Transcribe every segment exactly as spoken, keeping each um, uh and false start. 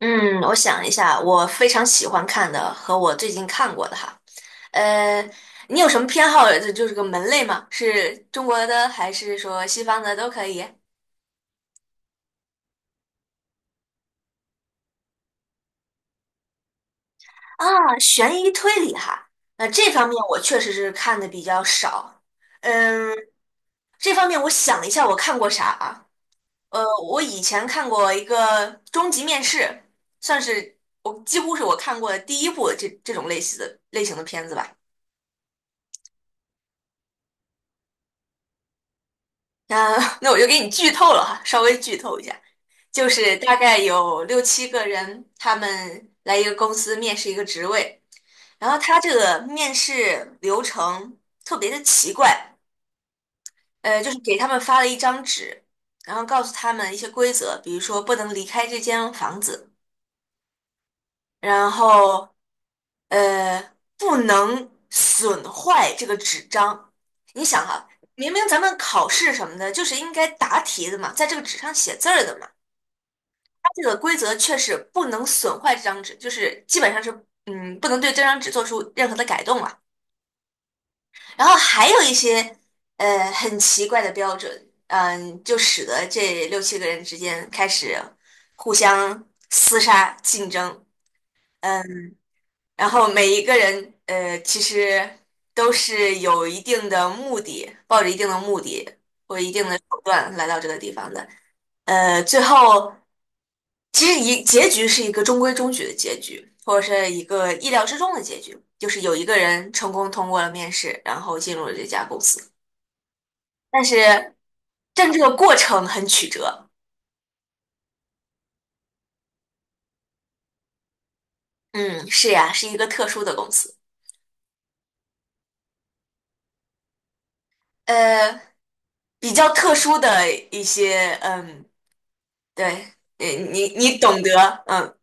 嗯，我想一下，我非常喜欢看的和我最近看过的哈，呃，你有什么偏好？就就是个门类吗？是中国的还是说西方的都可以？啊，悬疑推理哈，那这方面我确实是看的比较少。嗯，这方面我想了一下，我看过啥啊？呃，我以前看过一个《终极面试》，算是我几乎是我看过的第一部这这种类似的类型的片子吧。那那我就给你剧透了哈，稍微剧透一下，就是大概有六七个人，他们来一个公司面试一个职位，然后他这个面试流程特别的奇怪，呃，就是给他们发了一张纸，然后告诉他们一些规则，比如说不能离开这间房子，然后呃不能损坏这个纸张。你想哈、明明咱们考试什么的，就是应该答题的嘛，在这个纸上写字儿的嘛。这个规则确实不能损坏这张纸，就是基本上是嗯，不能对这张纸做出任何的改动了。然后还有一些呃很奇怪的标准，嗯，就使得这六七个人之间开始互相厮杀竞争，然后每一个人呃其实都是有一定的目的，抱着一定的目的或者一定的手段来到这个地方的，呃，最后。其实一结局是一个中规中矩的结局，或者是一个意料之中的结局，就是有一个人成功通过了面试，然后进入了这家公司。但是，但这个过程很曲折。嗯，是呀，是一个特殊的公司，呃，比较特殊的一些，嗯，对，你你你懂得，嗯，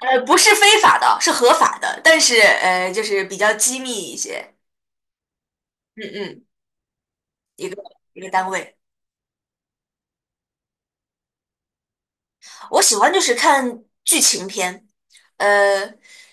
呃，不是非法的，是合法的，但是呃，就是比较机密一些。嗯嗯，一个一个单位。我喜欢就是看剧情片，呃，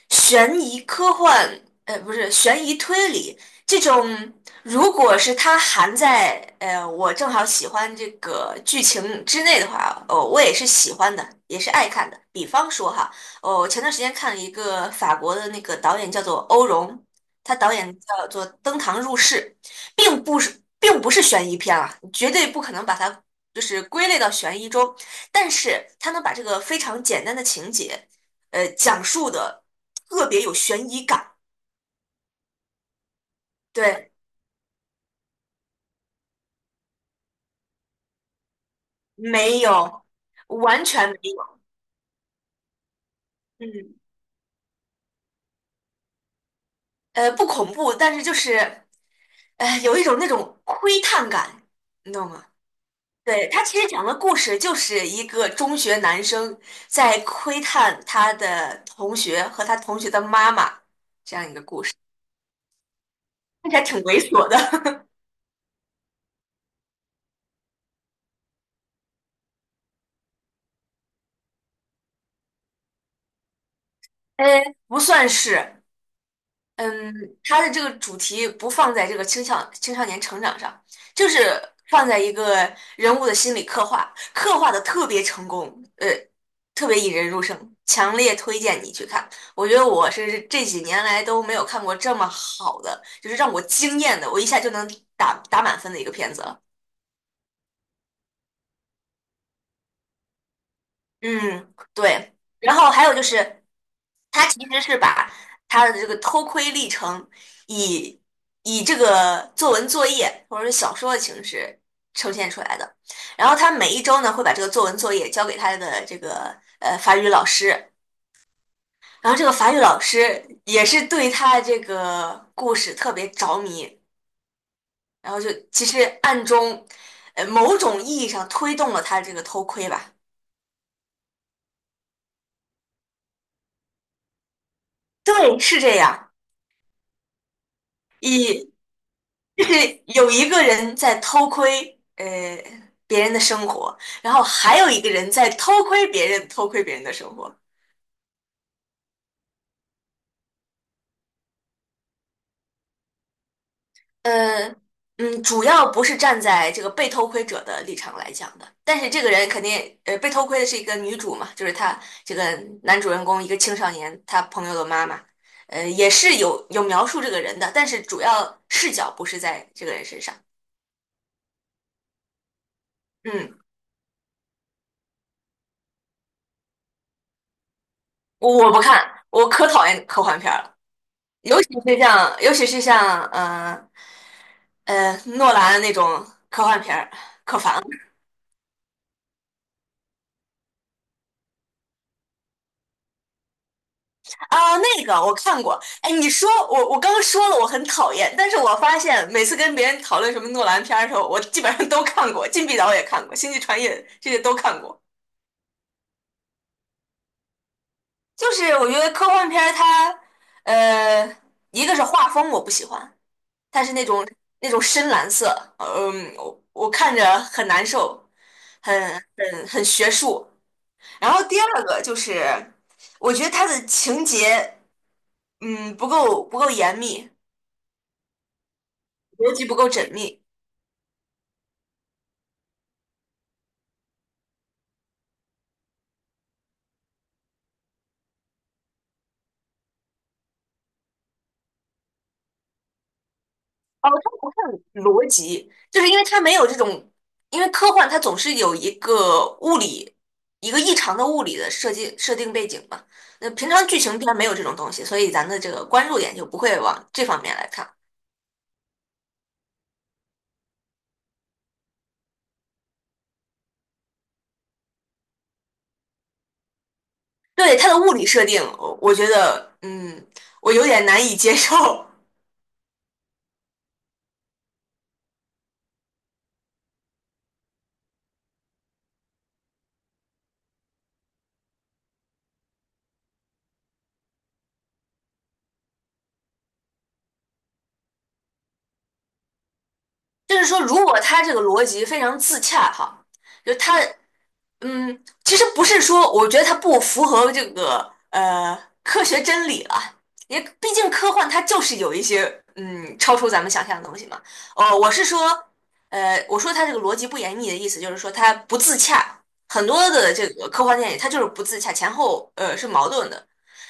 悬疑科幻，呃，不是悬疑推理这种。如果是它含在呃我正好喜欢这个剧情之内的话，哦，我也是喜欢的，也是爱看的。比方说哈，哦，我前段时间看了一个法国的那个导演叫做欧容，他导演叫做《登堂入室》，并不是并不是悬疑片啊，绝对不可能把它就是归类到悬疑中。但是他能把这个非常简单的情节，呃，讲述的特别有悬疑感。对，没有，完全没有。嗯，呃，不恐怖，但是就是，呃，有一种那种窥探感，你懂吗？对，他其实讲的故事就是一个中学男生在窥探他的同学和他同学的妈妈这样一个故事，看起来挺猥琐的。呃，不算是，嗯，它的这个主题不放在这个青少青少年成长上，就是放在一个人物的心理刻画，刻画的特别成功，呃，特别引人入胜，强烈推荐你去看。我觉得我是这几年来都没有看过这么好的，就是让我惊艳的，我一下就能打打满分的一个片子了。嗯，对。然后还有就是，他其实是把他的这个偷窥历程以以这个作文作业或者是小说的形式呈现出来的。然后他每一周呢会把这个作文作业交给他的这个呃法语老师，然后这个法语老师也是对他这个故事特别着迷，然后就其实暗中呃某种意义上推动了他这个偷窥吧。对，是这样。以就是有一个人在偷窥呃别人的生活，然后还有一个人在偷窥别人偷窥别人的生活。呃，嗯，主要不是站在这个被偷窥者的立场来讲的，但是这个人肯定呃被偷窥的是一个女主嘛，就是她这个男主人公一个青少年，他朋友的妈妈，呃，也是有有描述这个人的，但是主要视角不是在这个人身上。嗯，我我不看，我可讨厌科幻片儿了。尤其是像，尤其是像，呃，呃，诺兰那种科幻片儿，可烦了啊！那个我看过，哎，你说我我刚说了我很讨厌，但是我发现每次跟别人讨论什么诺兰片儿的时候，我基本上都看过，《禁闭岛》也看过，《星际穿越》这些都看过。就是我觉得科幻片儿它，呃，一个是画风我不喜欢，它是那种那种深蓝色，嗯，我我看着很难受，很很很学术。然后第二个就是，我觉得它的情节，嗯，不够不够严密，逻辑不够缜密。哦，它不看逻辑，就是因为它没有这种，因为科幻它总是有一个物理，一个异常的物理的设计设定背景嘛。那平常剧情片没有这种东西，所以咱的这个关注点就不会往这方面来看。对，它的物理设定，我我觉得，嗯，我有点难以接受。就是说，如果它这个逻辑非常自洽哈。就他嗯，其实不是说，我觉得它不符合这个呃科学真理了，也毕竟科幻它就是有一些嗯超出咱们想象的东西嘛。哦，我是说，呃，我说它这个逻辑不严密的意思就是说它不自洽，很多的这个科幻电影它就是不自洽，前后呃是矛盾的。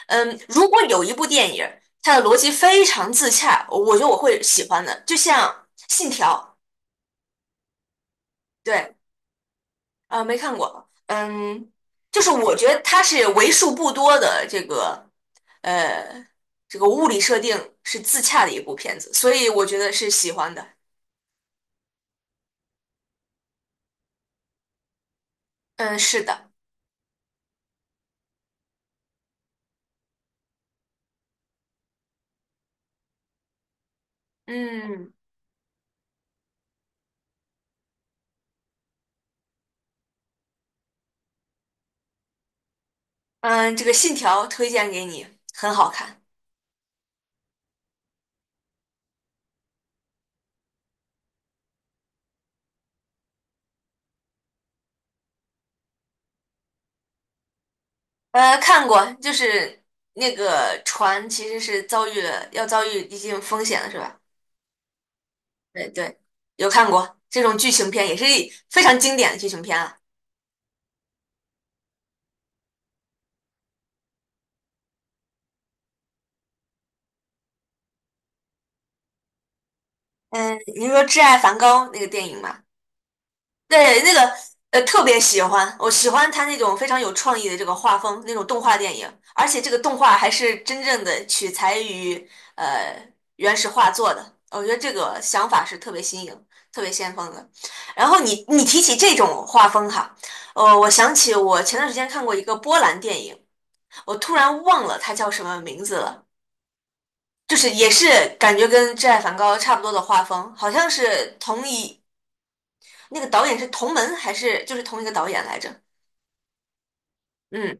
嗯，如果有一部电影它的逻辑非常自洽，我觉得我会喜欢的，就像《信条》对。啊，没看过，嗯，就是我觉得它是为数不多的这个呃这个物理设定是自洽的一部片子，所以我觉得是喜欢的。嗯，是的，嗯嗯，这个《信条》推荐给你，很好看。呃，看过，就是那个船其实是遭遇了要遭遇一定风险了，是吧？对对，有看过这种剧情片，也是非常经典的剧情片啊。嗯，你说《挚爱梵高》那个电影吗？对，那个呃特别喜欢，我喜欢他那种非常有创意的这个画风，那种动画电影，而且这个动画还是真正的取材于呃原始画作的，我觉得这个想法是特别新颖、特别先锋的。然后你你提起这种画风哈，呃，我想起我前段时间看过一个波兰电影，我突然忘了它叫什么名字了，就是也是感觉跟《挚爱梵高》差不多的画风，好像是同一。那个导演是同门还是就是同一个导演来着？嗯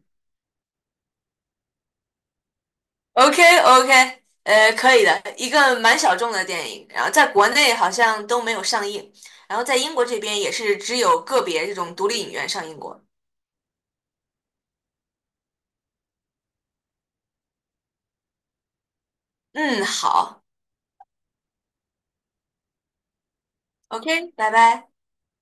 ，O K O K,呃，可以的，一个蛮小众的电影，然后在国内好像都没有上映，然后在英国这边也是只有个别这种独立影院上映过。嗯，好，OK,拜拜。